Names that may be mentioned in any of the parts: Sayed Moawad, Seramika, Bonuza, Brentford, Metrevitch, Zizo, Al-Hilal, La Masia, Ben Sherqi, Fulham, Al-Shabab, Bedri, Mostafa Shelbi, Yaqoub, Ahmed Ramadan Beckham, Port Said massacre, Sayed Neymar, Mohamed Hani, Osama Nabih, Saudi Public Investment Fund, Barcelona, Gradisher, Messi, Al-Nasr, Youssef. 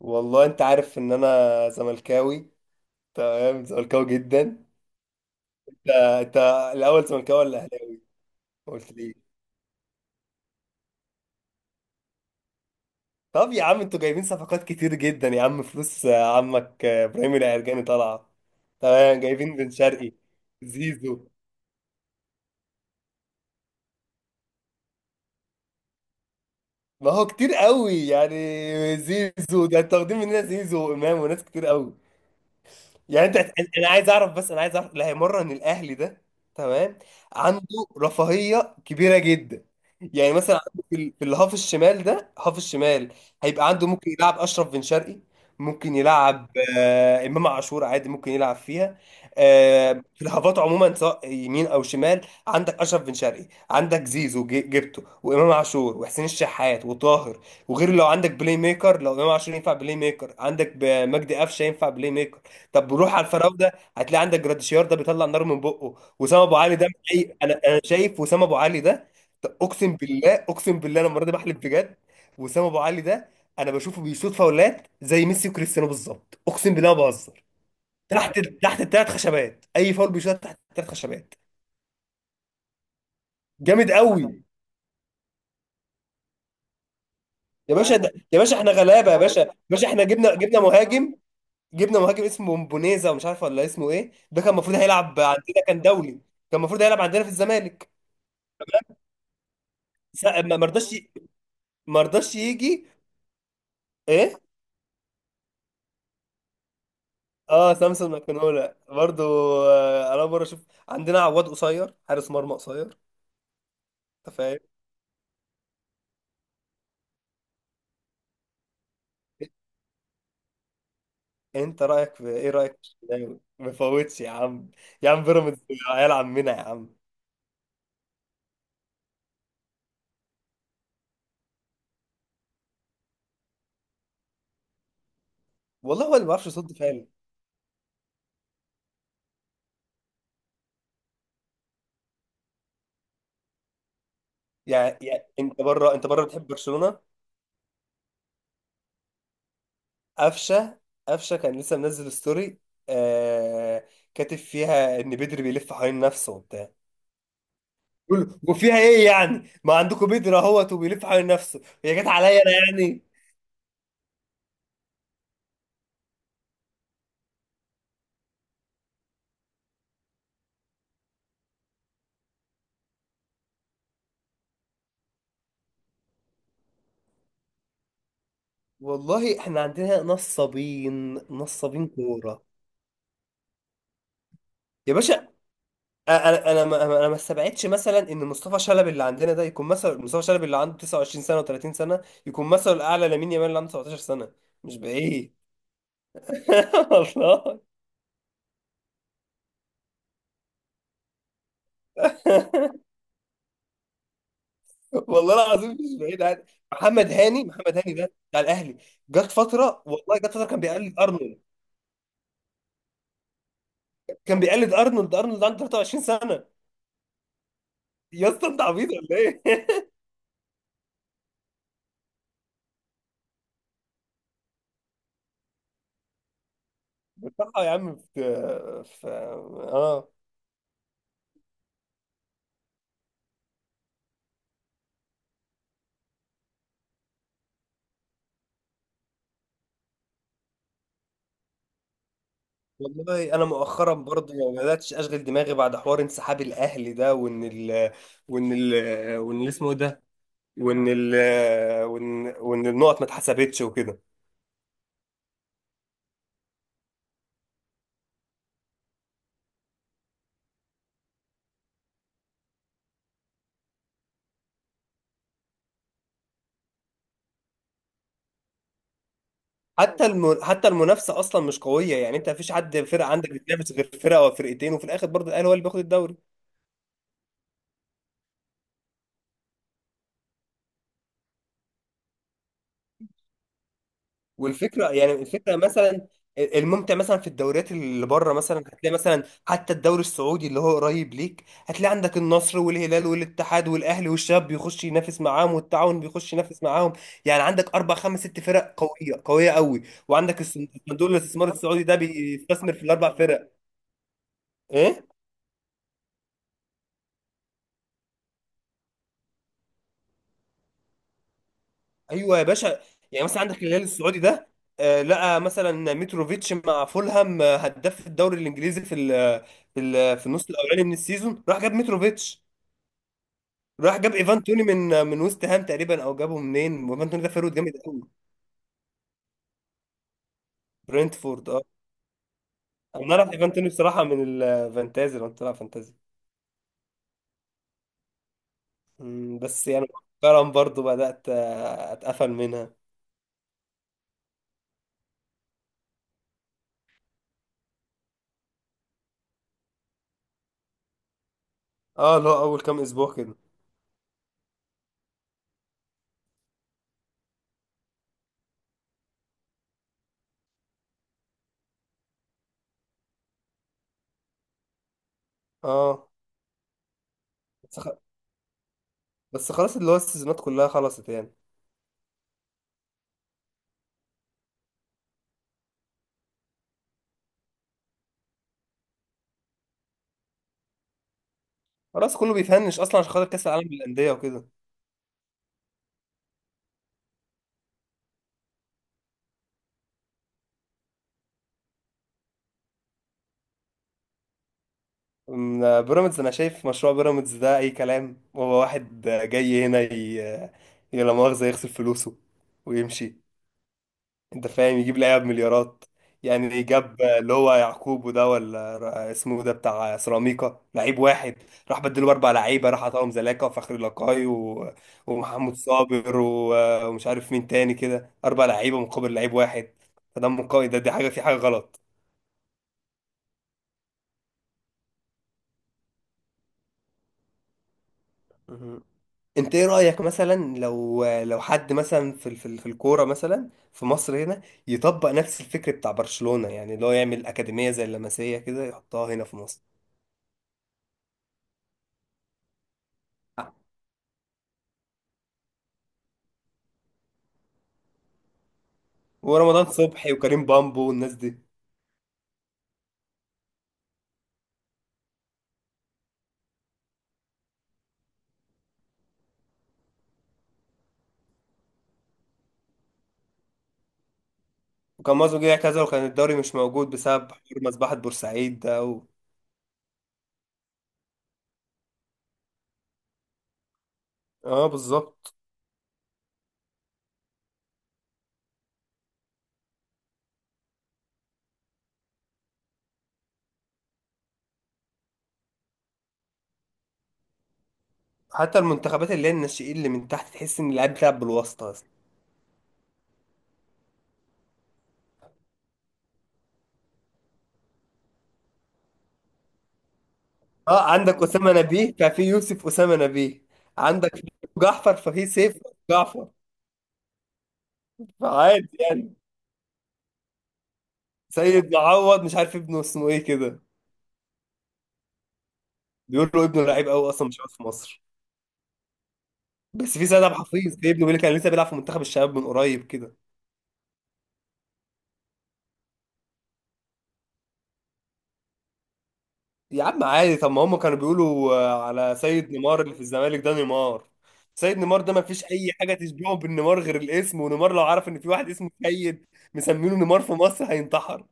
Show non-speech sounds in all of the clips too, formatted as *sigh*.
والله انت عارف ان انا زملكاوي. تمام، زملكاوي جدا. انت انت الاول زملكاوي ولا اهلاوي؟ قلت لي. طب يا عم، انتوا جايبين صفقات كتير جدا يا عم، فلوس عمك ابراهيم العرجاني طالعه. تمام، جايبين بن شرقي، زيزو. ما هو كتير قوي يعني. زيزو ده انتوا واخدين مننا زيزو وامام وناس كتير قوي. يعني انا عايز اعرف، بس انا عايز اعرف اللي هيمرن الاهلي ده. تمام. عنده رفاهيه كبيره جدا. يعني مثلا عنده في الهاف الشمال ده، هاف الشمال هيبقى عنده ممكن يلعب اشرف بن شرقي. ممكن يلعب. امام عاشور عادي ممكن يلعب فيها. في الهافات عموما، سواء يمين او شمال. عندك اشرف بن شرقي، عندك زيزو جبته، وامام عاشور وحسين الشحات وطاهر. وغير لو عندك بلاي ميكر، لو امام عاشور ينفع بلاي ميكر، عندك مجدي قفشه ينفع بلاي ميكر. طب روح على الفراوده، هتلاقي عندك جراديشيار ده بيطلع نار من بقه. وسام ابو علي ده مش أي. انا شايف وسام ابو علي ده، اقسم بالله اقسم بالله، انا المره دي بحلف بجد. وسام ابو علي ده، انا بشوفه بيشوط فاولات زي ميسي وكريستيانو بالظبط، اقسم بالله ما بهزر. تحت الثلاث خشبات، اي فاول بيشوط تحت الثلاث خشبات. جامد قوي. يا باشا، ده يا باشا احنا غلابه يا باشا، يا باشا احنا جبنا مهاجم. جبنا مهاجم اسمه بونيزا ومش عارف ولا اسمه ايه، ده كان المفروض هيلعب عندنا، كان دولي. كان المفروض هيلعب عندنا في الزمالك. ما رضاش ما رضاش يجي. ايه؟ اه، سامسون ماكنولا برضو. انا مره اشوف عندنا عواد قصير، حارس مرمى قصير. انت فاهم. انت رايك في ايه؟ رايك في الشناوي ما فوتش يا عم. يا عم بيراميدز، عيال عمنا يا عم. والله هو اللي ما بيعرفش يصد فعلا. يعني انت بره، بتحب برشلونه. قفشه، كان لسه منزل ستوري. آه... كاتب فيها ان بدري بيلف حوالين نفسه وبتاع. وفيها ايه يعني، ما عندكم بيدر اهوت وبيلف حوالين نفسه، هي جت عليا انا يعني. والله احنا عندنا نصابين، نصابين كوره. يا باشا، أ- انا انا ما انا ما استبعدش مثلا ان مصطفى شلبي اللي عندنا ده يكون مثلا مصطفى شلبي اللي عنده 29 سنه و30 سنه، يكون مثلا الاعلى لامين يامال اللي عنده 17 سنه. مش بعيد. *laughs* والله، والله العظيم مش بعيد، عادي. محمد هاني، محمد هاني ده بتاع الاهلي، جت فتره والله، جت فتره كان بيقلد ارنولد. كان بيقلد ارنولد. ارنولد عنده 23 سنه. يا اسطى انت عبيط ولا ايه؟ *laughs* بصراحة يا عم، في في اه والله انا مؤخرا برضو ما بداتش اشغل دماغي بعد حوار انسحاب الاهلي ده، وان ال وان اللي اسمه إيه ده، وان ال وان وان النقط ما اتحسبتش وكده. حتى المنافسه اصلا مش قويه. يعني انت مفيش حد، فرقه عندك بتنافس غير فرقه او فرقتين، وفي الاخر برضو الاهلي هو اللي بياخد الدوري. والفكره يعني، الفكره مثلا الممتع مثلا في الدوريات اللي بره، مثلا هتلاقي مثلا حتى الدوري السعودي اللي هو قريب ليك، هتلاقي عندك النصر والهلال والاتحاد والاهلي، والشباب بيخش ينافس معاهم، والتعاون بيخش ينافس معاهم. يعني عندك اربع خمس ست فرق قويه، قويه قوي. وعندك صندوق الاستثمار السعودي ده بيستثمر في الاربع فرق. ايه، ايوه يا باشا. يعني مثلا عندك الهلال السعودي ده، لقى مثلا متروفيتش مع فولهام، هداف الدوري الانجليزي في ال في ال في النص الاولاني من السيزون، راح جاب متروفيتش. راح جاب ايفان توني من من ويست هام تقريبا، او جابه منين. وايفان توني ده فيرود جامد قوي. برنتفورد، اه. انا اعرف ايفان توني بصراحه من الفانتازي، لو انت بتلعب فانتازي. بس يعني مؤخرا برضو بدات اتقفل منها. اه، اللي هو اول كام اسبوع كده. اه، بس خ- بس خلاص، اللي هو السيزونات كلها خلصت يعني. خلاص، كله بيفنش اصلا عشان خاطر كاس العالم للانديه وكده. بيراميدز، انا شايف مشروع بيراميدز ده اي كلام. هو واحد جاي هنا لا مؤاخذه يغسل فلوسه ويمشي. انت فاهم، يجيب لعيبه بمليارات. يعني جاب اللي هو يعقوب، وده ولا اسمه ده بتاع سيراميكا، لعيب واحد راح بدله اربع لعيبه، راح عطاهم زلاكا وفخري لقاي، ومحمود صابر، ومش عارف مين تاني كده، اربع لعيبه مقابل لعيب واحد. فده من قوي، ده دي حاجه، في حاجه غلط. مهم. انت ايه رأيك مثلا، لو حد مثلا في الكورة مثلا في مصر هنا يطبق نفس الفكر بتاع برشلونة، يعني اللي هو يعمل أكاديمية زي اللمسية كده، يحطها هنا في مصر. ورمضان صبحي وكريم بامبو والناس دي. وكان مازو اعتزل، وكان الدوري مش موجود بسبب حوار مذبحة بورسعيد ده. اه، بالظبط. حتى المنتخبات اللي هي الناشئين اللي من تحت، تحس ان اللاعب بيلعب بالواسطة اصلا. اه، عندك أسامة نبيه ففي يوسف أسامة نبيه. عندك جعفر ففي سيف جعفر. فعادي يعني. سيد معوض مش عارف ابنه اسمه ايه كده. بيقول له ابنه لعيب قوي، اصلا مش قوي في مصر. بس في سيد عبد الحفيظ، في ابنه بيقول لك كان لسه بيلعب في منتخب الشباب من قريب كده. يا عم عادي، طب ما هم كانوا بيقولوا على سيد نيمار اللي في الزمالك ده، نيمار. سيد نيمار ده ما فيش اي حاجه تشبهه بالنيمار غير الاسم. ونيمار لو عرف ان في واحد اسمه سيد مسمينه نيمار في مصر، هينتحر.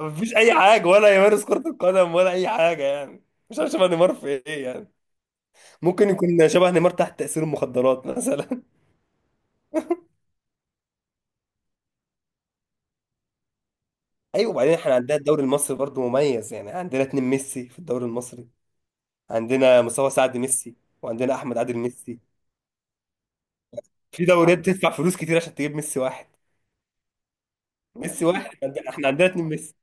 ما فيش اي حاجه، ولا يمارس كره القدم ولا اي حاجه يعني. مش عارف شبه نيمار في ايه يعني. ممكن يكون شبه نيمار تحت تاثير المخدرات *laughs* مثلا. ايوه، وبعدين احنا عندنا الدوري المصري برضو مميز، يعني عندنا اتنين ميسي في الدوري المصري. عندنا مصطفى سعد ميسي، وعندنا احمد عادل ميسي. في دوريات بتدفع فلوس كتير عشان تجيب ميسي واحد. ميسي واحد، احنا عندنا اتنين ميسي.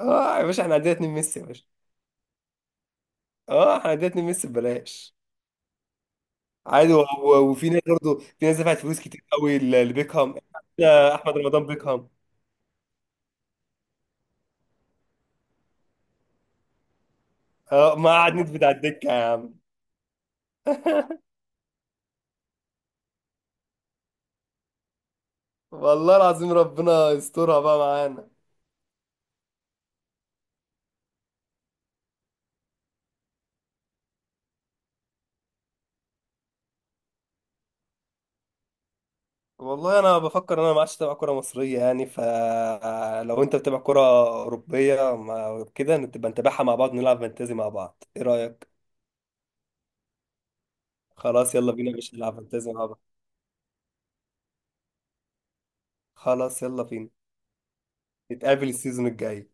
اه يا باشا، احنا عندنا اتنين ميسي يا باشا. اه، احنا عندنا اتنين ميسي ببلاش. عادي. وفي ناس برضو، في ناس دفعت فلوس كتير قوي لبيكهام. يا احمد رمضان بيكهام. اه، ما قعد نت بتاع الدكه يا عم. *laughs* والله العظيم ربنا يسترها بقى معانا. والله انا بفكر ان انا ما عادش اتابع كره مصريه يعني. فلو انت بتتابع كره اوروبيه، كده نبقى نتابعها مع بعض، نلعب فانتازي مع بعض، ايه رايك؟ خلاص، يلا بينا، مش نلعب فانتازي مع بعض. خلاص يلا بينا، نتقابل السيزون الجاي.